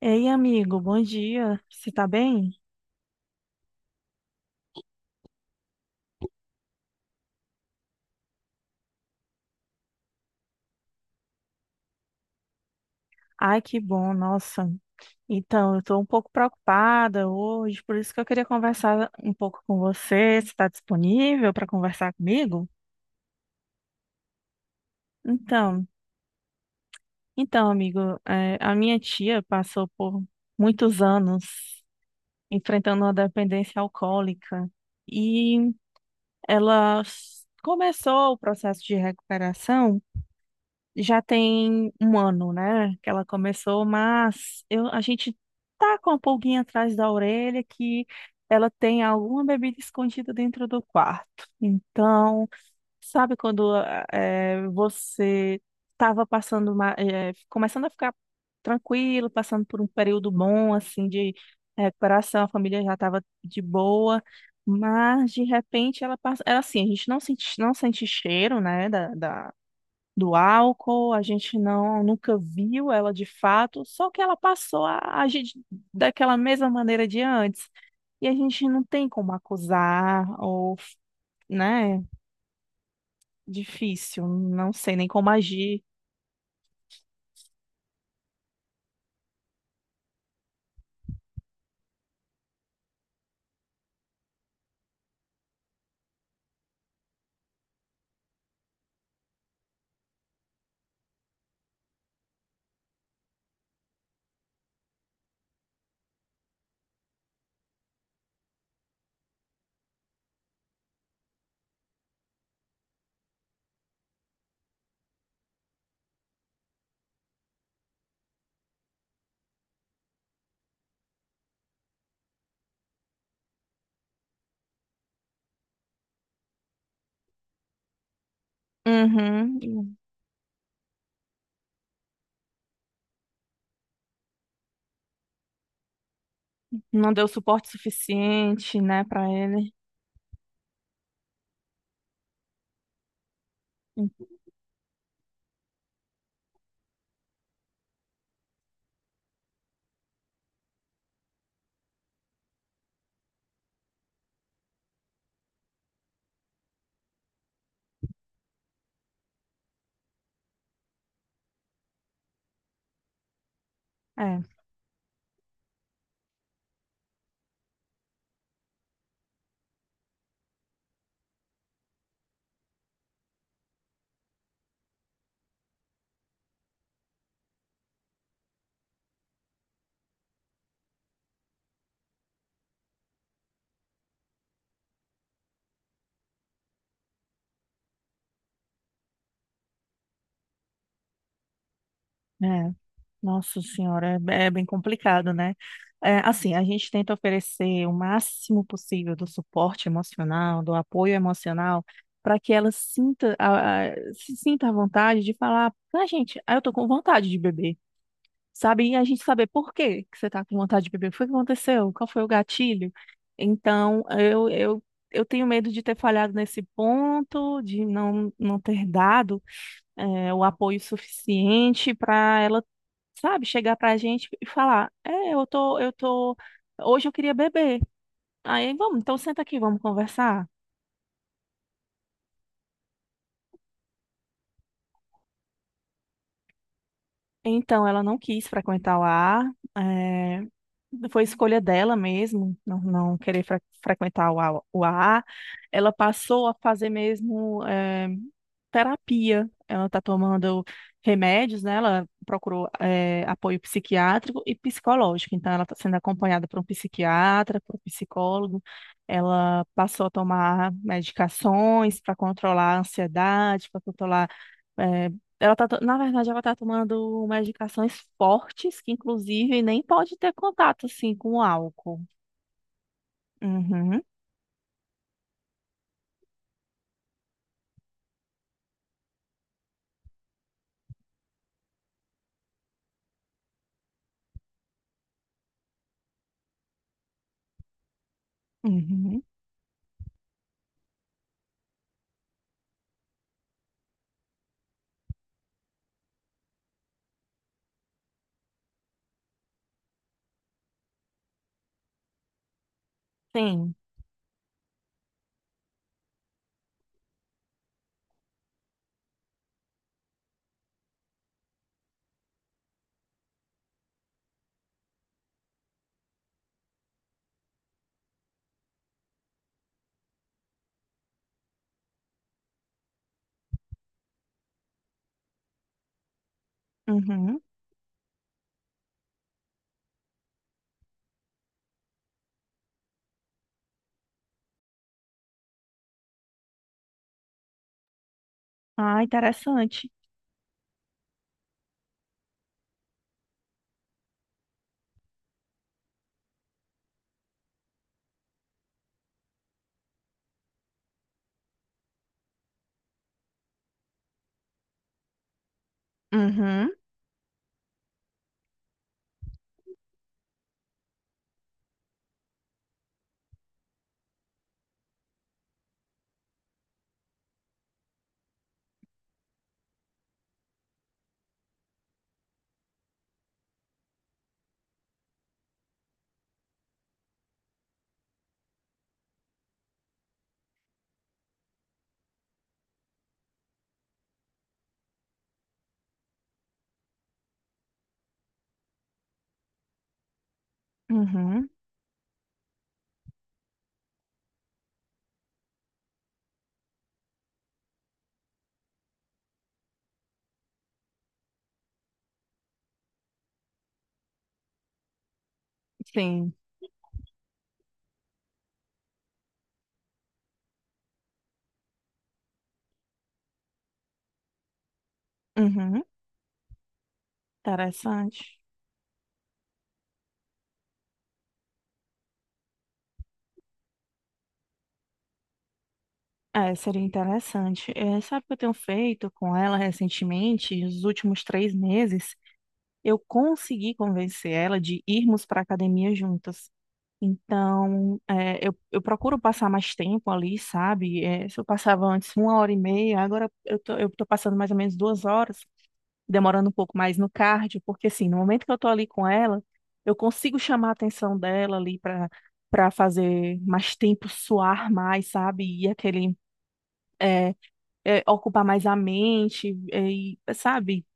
Ei, amigo, bom dia. Você tá bem? Ai, que bom, nossa. Eu tô um pouco preocupada hoje, por isso que eu queria conversar um pouco com você. Você está disponível para conversar comigo? Então, então, amigo, a minha tia passou por muitos anos enfrentando uma dependência alcoólica e começou o processo de recuperação. Já tem um ano, né, que ela começou, mas a gente tá com a pulguinha atrás da orelha que ela tem alguma bebida escondida dentro do quarto. Então, sabe quando você estava começando a ficar tranquilo, passando por um período bom assim de recuperação, a família já estava de boa. Mas de repente ela passa, ela assim, a gente não sente, não sente cheiro, né, do álcool, a gente não nunca viu ela de fato, só que ela passou a agir daquela mesma maneira de antes. E a gente não tem como acusar, ou, né? Difícil, não sei nem como agir. Uhum. Não deu suporte suficiente, né, para ele. É, é. Nossa senhora, é é bem complicado, né? É, assim, a gente tenta oferecer o máximo possível do suporte emocional, do apoio emocional, para que ela sinta a- se sinta à vontade de falar: "Ah, gente, ah, eu tô com vontade de beber", sabe? E a gente saber por que que você tá com vontade de beber, o que foi que aconteceu, qual foi o gatilho? Então, eu tenho medo de ter falhado nesse ponto, de não ter dado o apoio suficiente para ela, sabe, chegar pra gente e falar: "É, hoje eu queria beber". Aí, vamos, então senta aqui, vamos conversar. Então, ela não quis frequentar o ar, foi escolha dela mesmo, não querer frequentar o a A. Ela passou a fazer mesmo terapia. Ela está tomando remédios, né? Ela procurou apoio psiquiátrico e psicológico. Então, ela está sendo acompanhada por um psiquiatra, por um psicólogo. Ela passou a tomar medicações para controlar a ansiedade, para controlar, eh, na verdade, ela tá tomando umas medicações fortes, que inclusive nem pode ter contato, assim, com o álcool. Uhum, uhum. Sim. Uhum. Ah, interessante. Uhum, uhum. Sim, uhum. Interessante. É, seria interessante. É, sabe o que eu tenho feito com ela recentemente, nos últimos 3 meses? Eu consegui convencer ela de irmos para academia juntas. Então, é, eu procuro passar mais tempo ali, sabe? É, se eu passava antes uma hora e meia, agora eu tô passando mais ou menos 2 horas, demorando um pouco mais no cardio, porque assim, no momento que eu tô ali com ela, eu consigo chamar a atenção dela ali para para fazer mais tempo, suar mais, sabe? E aquele, é, ocupar mais a mente, é, e, sabe?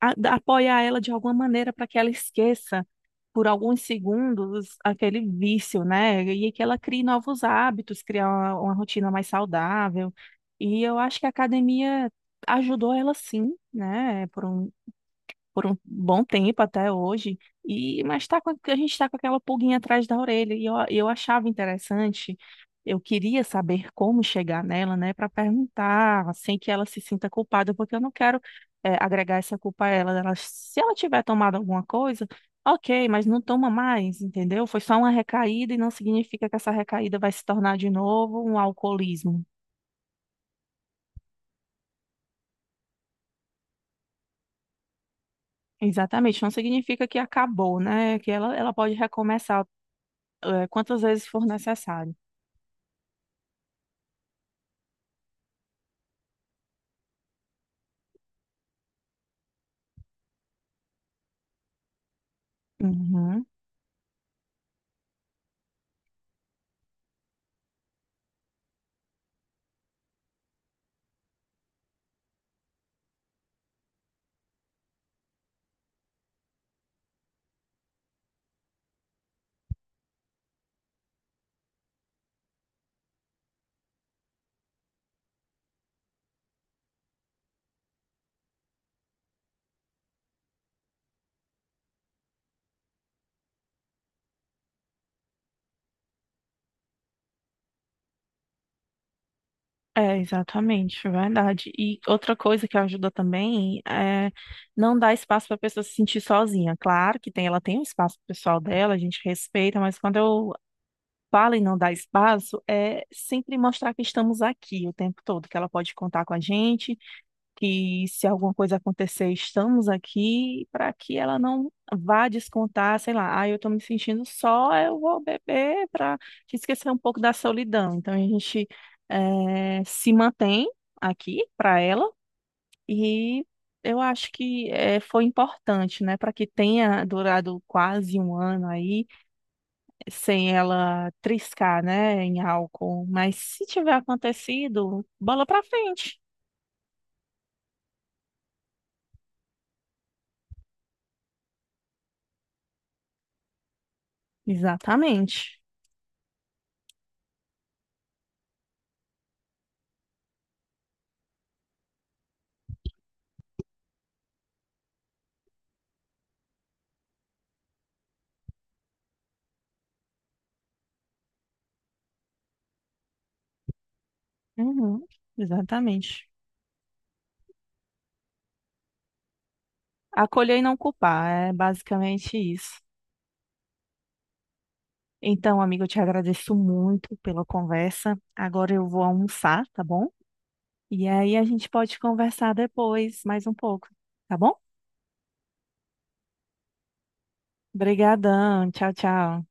Apoiar ela de alguma maneira para que ela esqueça por alguns segundos aquele vício, né? E que ela crie novos hábitos, criar uma rotina mais saudável. E eu acho que a academia ajudou ela sim, né? Por um bom tempo até hoje, e mas tá com, a gente está com aquela pulguinha atrás da orelha, e eu achava interessante, eu queria saber como chegar nela, né, para perguntar, sem que ela se sinta culpada, porque eu não quero agregar essa culpa a ela. Ela- se ela tiver tomado alguma coisa, ok, mas não toma mais, entendeu? Foi só uma recaída e não significa que essa recaída vai se tornar de novo um alcoolismo. Exatamente, não significa que acabou, né? Que ela pode recomeçar quantas vezes for necessário. Uhum. É, exatamente, verdade. E outra coisa que ajuda também é não dar espaço para a pessoa se sentir sozinha. Claro que tem, ela tem um espaço pessoal dela, a gente respeita, mas quando eu falo em não dar espaço, é sempre mostrar que estamos aqui o tempo todo, que ela pode contar com a gente, que se alguma coisa acontecer, estamos aqui para que ela não vá descontar, sei lá, ah, eu estou me sentindo só, eu vou beber para esquecer um pouco da solidão. Então a gente se mantém aqui para ela, e eu acho que foi importante, né, para que tenha durado quase 1 ano aí sem ela triscar, né, em álcool. Mas se tiver acontecido, bola para frente. Exatamente. Uhum, exatamente. Acolher e não culpar, é basicamente isso. Então, amigo, eu te agradeço muito pela conversa. Agora eu vou almoçar, tá bom? E aí a gente pode conversar depois mais um pouco, tá bom? Obrigadão, tchau, tchau.